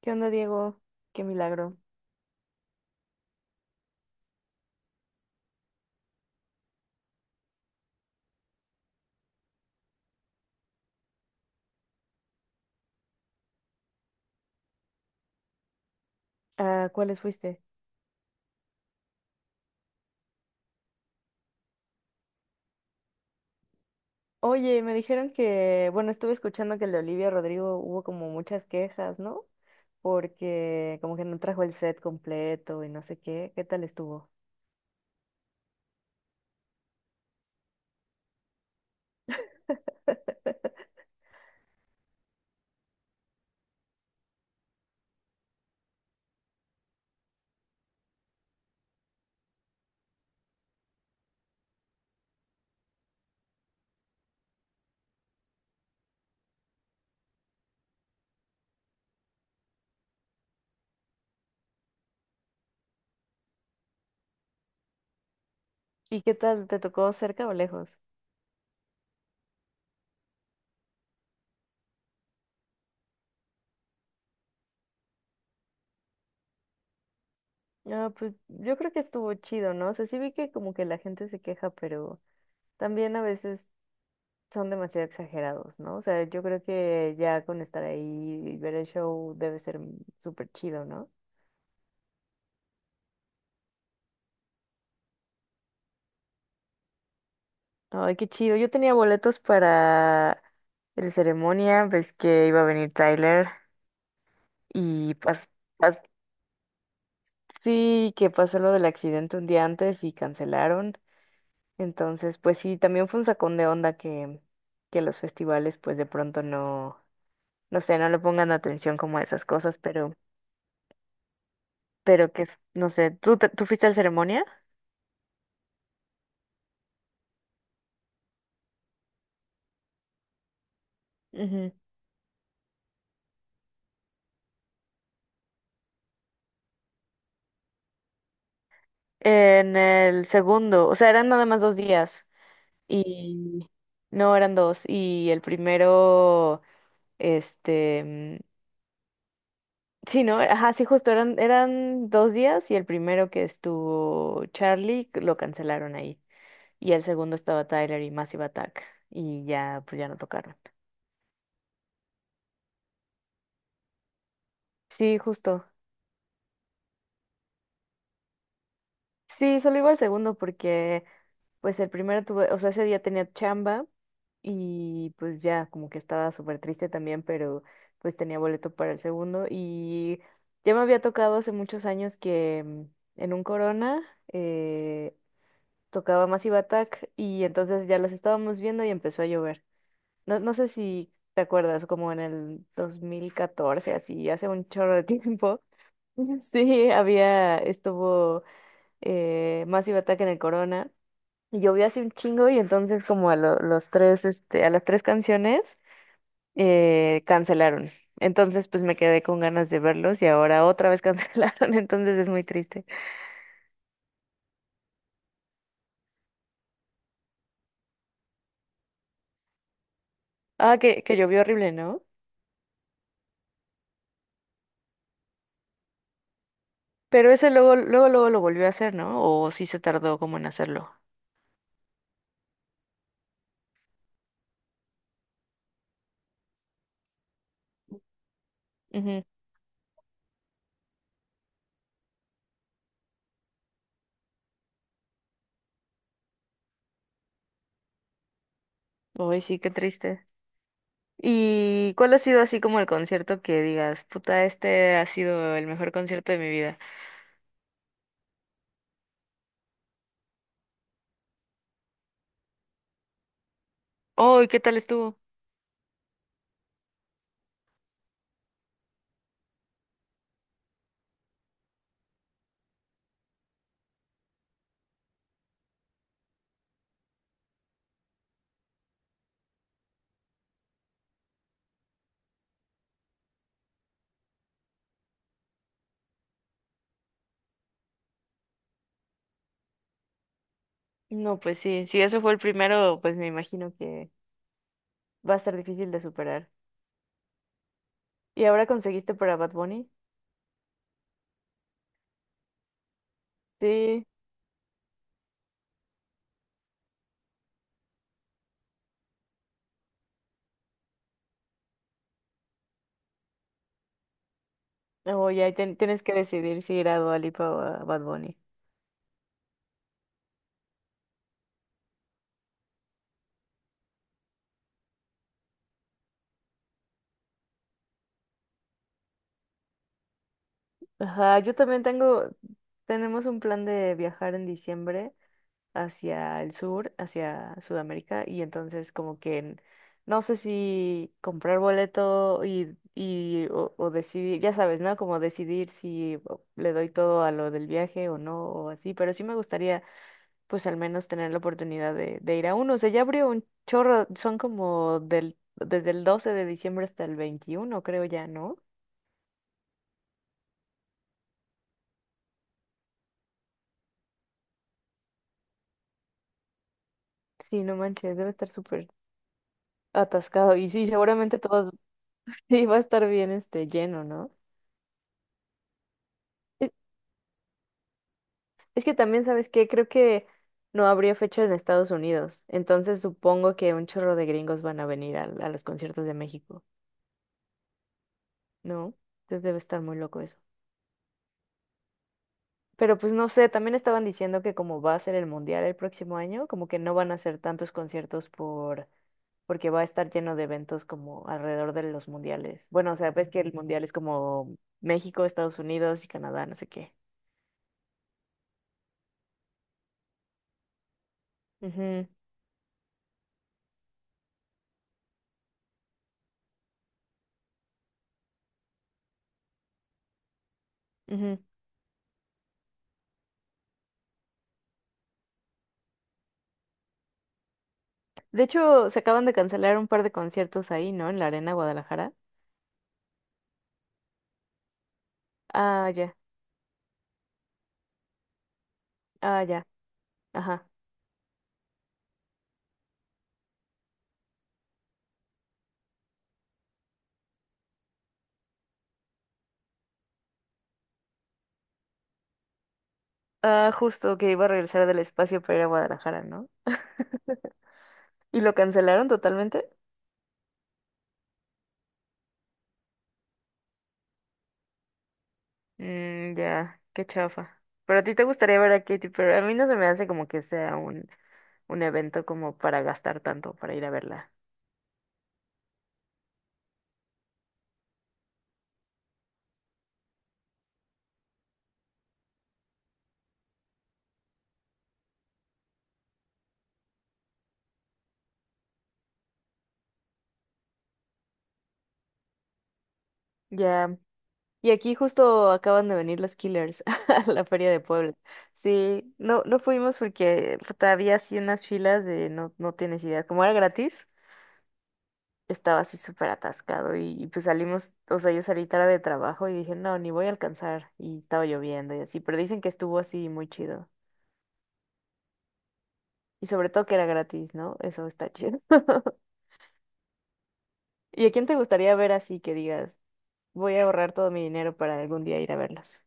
¿Qué onda, Diego? Qué milagro. ¿A cuáles fuiste? Oye, me dijeron que, bueno, estuve escuchando que el de Olivia Rodrigo hubo como muchas quejas, ¿no? Porque como que no trajo el set completo y no sé qué. ¿Qué tal estuvo? ¿Y qué tal te tocó cerca o lejos? Ah, pues yo creo que estuvo chido, ¿no? O sea, sí vi que como que la gente se queja, pero también a veces son demasiado exagerados, ¿no? O sea, yo creo que ya con estar ahí y ver el show debe ser súper chido, ¿no? Ay, qué chido. Yo tenía boletos para el ceremonia, ves que iba a venir Tyler y pas, pas- sí, que pasó lo del accidente un día antes y cancelaron. Entonces, pues sí, también fue un sacón de onda que los festivales pues de pronto no sé, no le pongan atención como a esas cosas, pero que, no sé, ¿tú, tú fuiste al ceremonia? Ujú. En el segundo, o sea, eran nada más dos días. Y no, eran dos. Y el primero, este, sí, ¿no? Ajá, sí, justo eran dos días y el primero que estuvo Charlie lo cancelaron ahí. Y el segundo estaba Tyler y Massive Attack. Y ya, pues ya no tocaron. Sí, justo. Sí, solo iba al segundo porque pues el primero tuve, o sea, ese día tenía chamba y pues ya como que estaba súper triste también, pero pues tenía boleto para el segundo y ya me había tocado hace muchos años que en un Corona eh, tocaba Massive Attack y entonces ya los estábamos viendo y empezó a llover. No, no sé si te acuerdas, como en el 2014, así, hace un chorro de tiempo. Sí, había, estuvo Massive Attack en el Corona. Y llovió hace un chingo y entonces como a los 3, este, a las 3 canciones cancelaron. Entonces pues me quedé con ganas de verlos y ahora otra vez cancelaron, entonces es muy triste. Ah, que llovió horrible, ¿no? Pero ese luego, luego, luego lo volvió a hacer, ¿no? O sí se tardó como en hacerlo. Ujú. Ay, sí, qué triste. ¿Y cuál ha sido así como el concierto que digas, puta, este ha sido el mejor concierto de mi vida? Ay, ¿qué tal estuvo? No, pues sí, si eso fue el primero, pues me imagino que va a estar difícil de superar. ¿Y ahora conseguiste para Bad Bunny? Sí, o ya tienes que decidir si ir a Dua Lipa o a Bad Bunny. Ajá, tenemos un plan de viajar en diciembre hacia el sur, hacia Sudamérica, y entonces como que no sé si comprar boleto o decidir, ya sabes, ¿no? Como decidir si o, le doy todo a lo del viaje o no, o así, pero sí me gustaría pues al menos tener la oportunidad de ir a uno. O sea, ya abrió un chorro, son como del, desde el 12 de diciembre hasta el 21 creo ya, ¿no? Sí, no manches, debe estar súper atascado. Y sí, seguramente todo sí va a estar bien este lleno, ¿no? Es, es que también, ¿sabes qué? Creo que no habría fecha en Estados Unidos. Entonces supongo que un chorro de gringos van a venir a los conciertos de México, ¿no? Entonces debe estar muy loco eso. Pero pues no sé, también estaban diciendo que como va a ser el mundial el próximo año, como que no van a hacer tantos conciertos porque va a estar lleno de eventos como alrededor de los mundiales. Bueno, o sea, ves que el mundial es como México, Estados Unidos y Canadá, no sé qué. Ujú, ujú. De hecho, se acaban de cancelar un par de conciertos ahí, ¿no? En la Arena Guadalajara. Ah, ya, ah, ya, ajá. Ah, justo que iba a regresar del espacio para ir a Guadalajara, ¿no? ¿Y lo cancelaron totalmente? Mm, ya, qué chafa. Pero a ti te gustaría ver a Katy Perry. A mí no se me hace como que sea un evento como para gastar tanto, para ir a verla. Ya. Y aquí justo acaban de venir los Killers a la Feria de Puebla. Sí, no fuimos porque puta, había así unas filas de no, no tienes idea. Como era gratis, estaba así súper atascado y pues salimos, o sea, yo salí tarde de trabajo y dije, no, ni voy a alcanzar. Y estaba lloviendo y así, pero dicen que estuvo así muy chido. Y sobre todo que era gratis, ¿no? Eso está chido. ¿Y a quién te gustaría ver así que digas, voy a ahorrar todo mi dinero para algún día ir a verlos?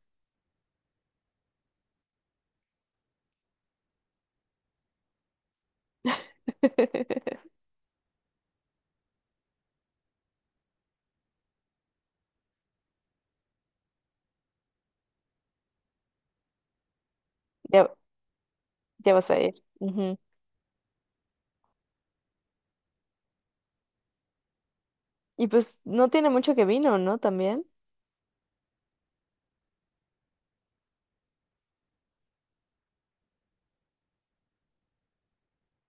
Ya, ya vas a ir. Ujú. Y pues no tiene mucho que vino, ¿no? También.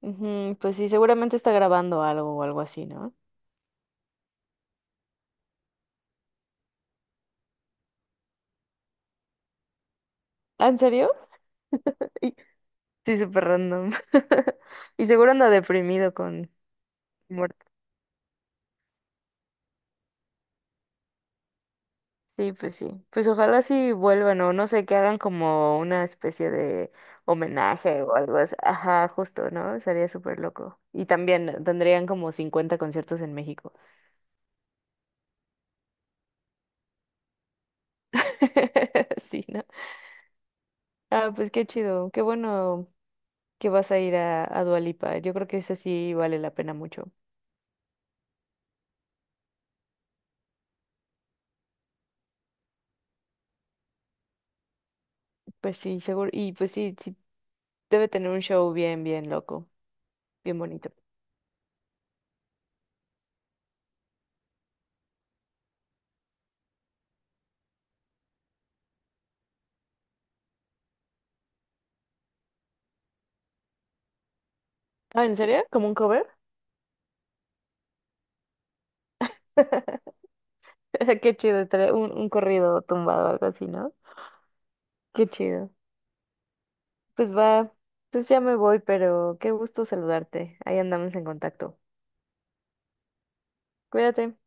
Ujú, pues sí, seguramente está grabando algo o algo así, ¿no? ¿Ah, ¿en serio? Y- Sí, súper random. Y seguro anda deprimido con... muerte. Sí. Pues ojalá sí vuelvan o no sé, que hagan como una especie de homenaje o algo así. Ajá, justo, ¿no? Sería súper loco. Y también tendrían como 50 conciertos en México. Sí, ¿no? Ah, pues qué chido. Qué bueno que vas a ir a Dua Lipa. Yo creo que ese sí vale la pena mucho. Pues sí, seguro. Y pues sí, debe tener un show bien, bien loco. Bien bonito. Ah, ¿en serio? ¿Como un cover? Qué chido, estaría un corrido tumbado, algo así, ¿no? Qué chido. Pues va, entonces ya me voy, pero qué gusto saludarte. Ahí andamos en contacto. Cuídate.